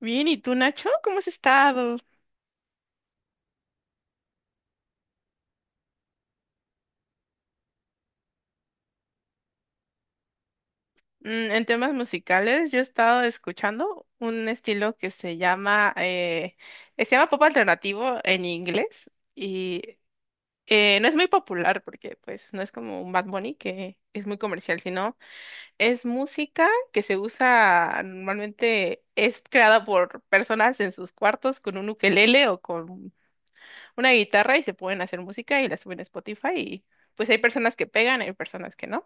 Bien, ¿y tú, Nacho? ¿Cómo has estado? En temas musicales, yo he estado escuchando un estilo que se llama pop alternativo en inglés y no es muy popular porque pues no es como un Bad Bunny que es muy comercial, sino es música que se usa normalmente, es creada por personas en sus cuartos con un ukelele o con una guitarra y se pueden hacer música y la suben a Spotify y pues hay personas que pegan, hay personas que no.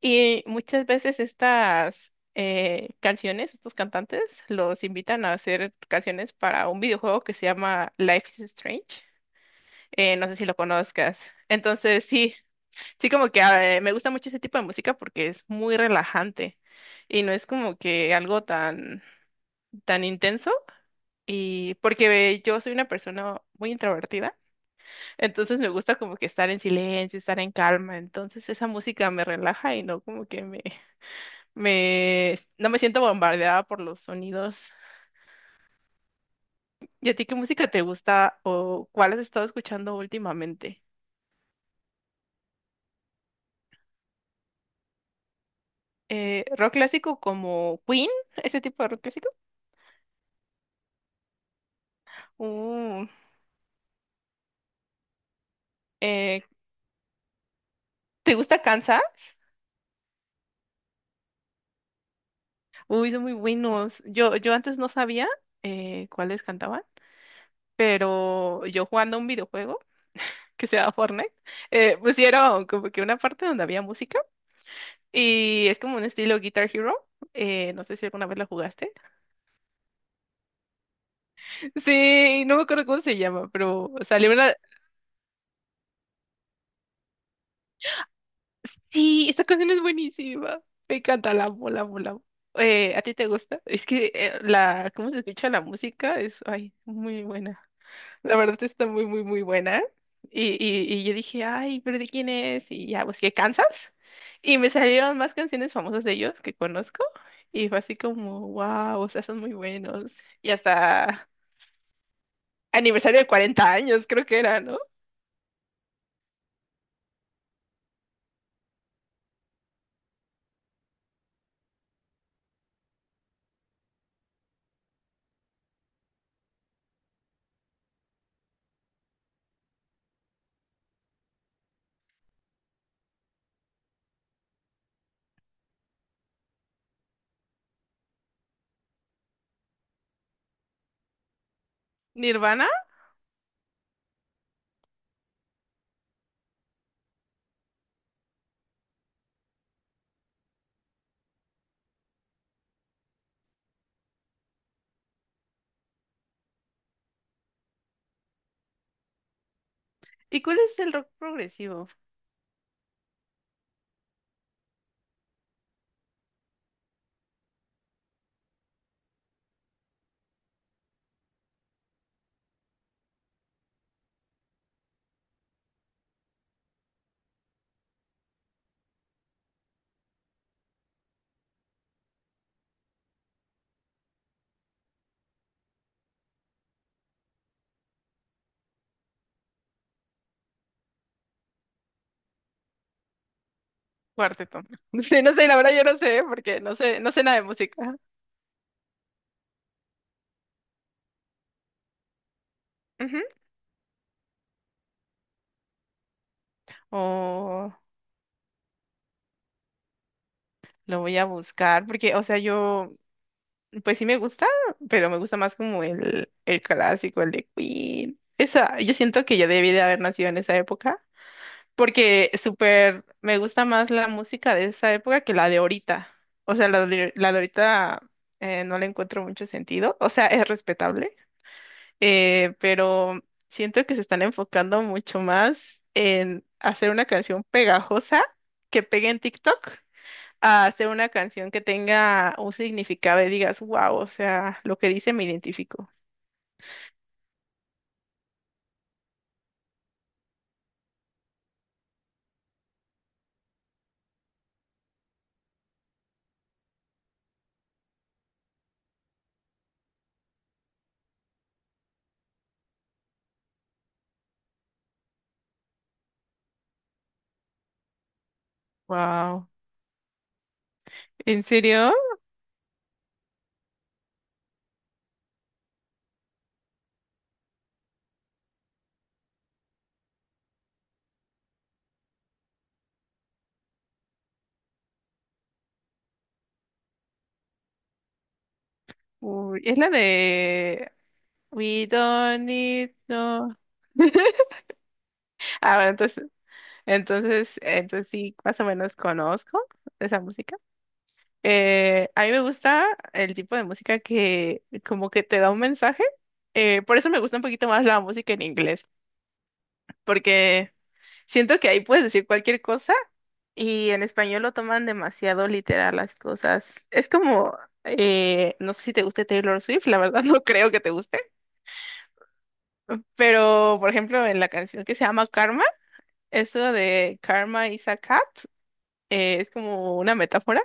Y muchas veces estas canciones, estos cantantes, los invitan a hacer canciones para un videojuego que se llama Life is Strange. No sé si lo conozcas. Entonces, sí, sí como que me gusta mucho ese tipo de música porque es muy relajante y no es como que algo tan, tan intenso. Y porque yo soy una persona muy introvertida, entonces me gusta como que estar en silencio, estar en calma. Entonces esa música me relaja y no como que no me siento bombardeada por los sonidos. ¿Y a ti qué música te gusta o cuál has estado escuchando últimamente? Rock clásico como Queen, ese tipo de rock clásico. Uh, eh, ¿Te gusta Kansas? Uy, son muy buenos. Yo antes no sabía cuáles cantaban, pero yo jugando un videojuego que se llama Fortnite, pusieron como que una parte donde había música y es como un estilo Guitar Hero. No sé si alguna vez la jugaste. Sí, no me acuerdo cómo se llama, pero salió una. Sí, esta canción es buenísima. Me encanta, la amo, la amo, la amo. ¿A ti te gusta? Es que la, cómo se escucha la música es, ay, muy buena. La verdad está muy, muy, muy buena. Y yo dije, ay, pero ¿de quién es? Y ya, pues, ¿qué, Kansas? Y me salieron más canciones famosas de ellos que conozco. Y fue así como, wow, o sea, son muy buenos. Y hasta aniversario de 40 años, creo que era, ¿no? Nirvana. ¿Y cuál es el rock progresivo? Cuarteto. Sí, no sé, la verdad yo no sé, porque no sé nada de música. Ujú. O lo voy a buscar, porque, o sea, yo, pues sí me gusta, pero me gusta más como el clásico, el de Queen. Esa, yo siento que yo debí de haber nacido en esa época, porque súper me gusta más la música de esa época que la de ahorita. O sea, la de ahorita no le encuentro mucho sentido. O sea, es respetable pero siento que se están enfocando mucho más en hacer una canción pegajosa que pegue en TikTok, a hacer una canción que tenga un significado y digas, wow, o sea, lo que dice me identifico. Wow, ¿en serio? Uy, es la de we don't need no. Ah, bueno, entonces sí, más o menos conozco esa música. A mí me gusta el tipo de música que como que te da un mensaje. Por eso me gusta un poquito más la música en inglés, porque siento que ahí puedes decir cualquier cosa y en español lo toman demasiado literal las cosas. Es como, no sé si te guste Taylor Swift, la verdad no creo que te guste, pero por ejemplo en la canción que se llama Karma, eso de Karma is a cat, es como una metáfora.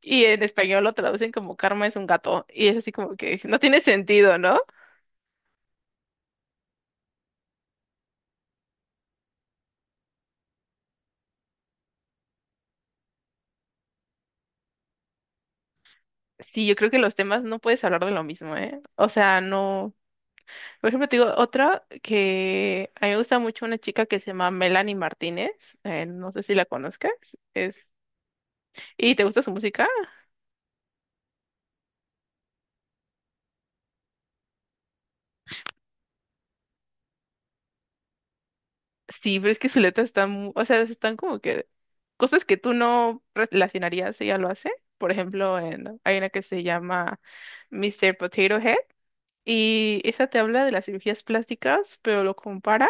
Y en español lo traducen como karma es un gato. Y es así como que no tiene sentido, ¿no? Sí, yo creo que los temas no puedes hablar de lo mismo, ¿eh? O sea, no. Por ejemplo, te digo otra que a mí me gusta mucho una chica que se llama Melanie Martínez. No sé si la conozcas. Es. ¿Y te gusta su música? Sí, pero es que su letra está, o sea, están como que cosas que tú no relacionarías, ella lo hace. Por ejemplo, en, hay una que se llama Mr. Potato Head y esa te habla de las cirugías plásticas, pero lo compara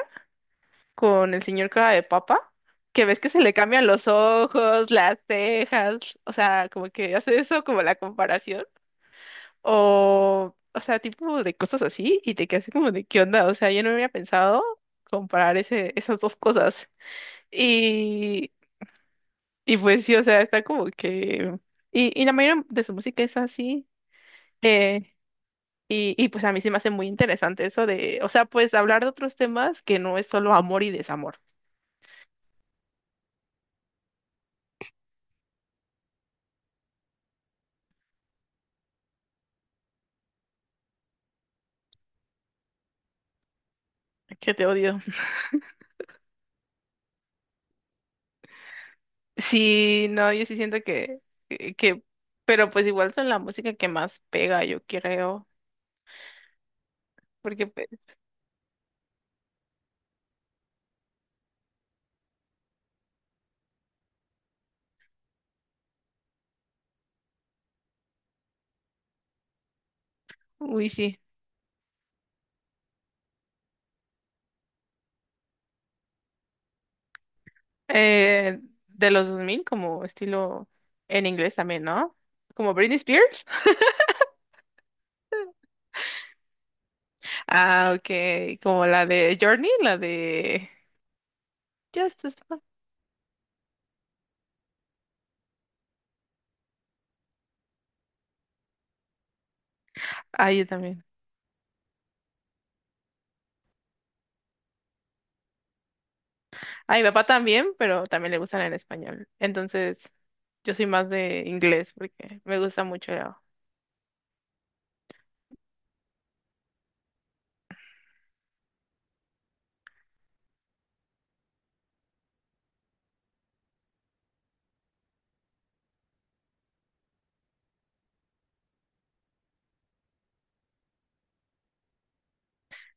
con el señor cara de papa, que ves que se le cambian los ojos, las cejas, o sea, como que hace eso como la comparación, tipo de cosas así, y te quedas así como de qué onda, o sea, yo no había pensado comparar esas dos cosas. Y, y pues sí, o sea, está como que. Y la mayoría de su música es así. eh, y pues a mí se me hace muy interesante eso de, o sea, pues hablar de otros temas que no es solo amor y desamor. Que te odio. Sí, no, yo sí siento que, que, que- pero pues igual son la música que más pega, yo creo, porque, pues, uy, sí, eh, de los 2000 como estilo en inglés también, ¿no? Como Britney Spears. Ah, ok, como la de Journey, la de Just a Spot. Ah, yo también. Ah, mi papá también, pero también le gustan en español. Entonces, yo soy más de inglés porque me gusta mucho.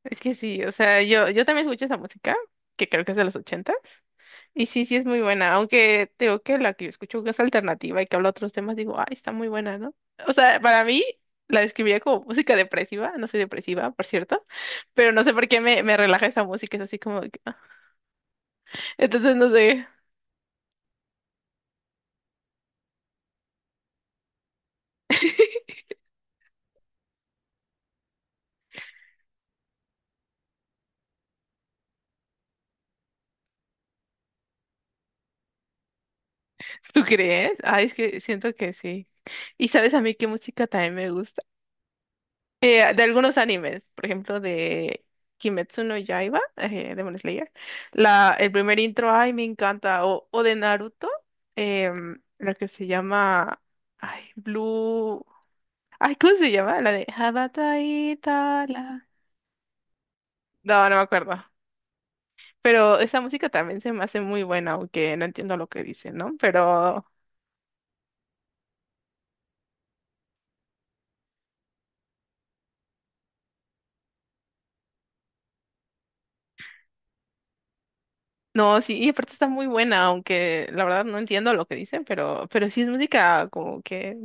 Es que sí, o sea, yo también escucho esa música, que creo que es de los ochentas. Y sí, sí es muy buena, aunque te digo que la que yo escucho que es alternativa y que habla otros temas, digo, ay, está muy buena, ¿no? O sea, para mí la describiría como música depresiva, no soy depresiva, por cierto, pero no sé por qué me relaja esa música, es así como que, ah. Entonces, no sé. ¿Tú crees? Ay, es que siento que sí. ¿Y sabes a mí qué música también me gusta? De algunos animes, por ejemplo, de Kimetsu no Yaiba, Demon Slayer, la, el primer intro, ay, me encanta, o de Naruto, la que se llama, ay, Blue, ay, ¿cómo se llama? La de Habatai Tala. No, no me acuerdo, pero esa música también se me hace muy buena, aunque no entiendo lo que dicen, ¿no? Pero, no, sí, y aparte está muy buena, aunque la verdad no entiendo lo que dicen, pero sí es música como que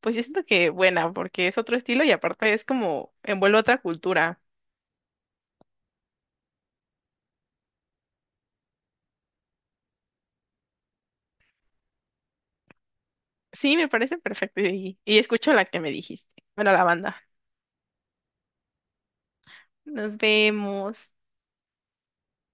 pues yo siento que buena, porque es otro estilo y aparte es como envuelve otra cultura. Sí, me parece perfecto y escucho la que me dijiste. Bueno, la banda. Nos vemos.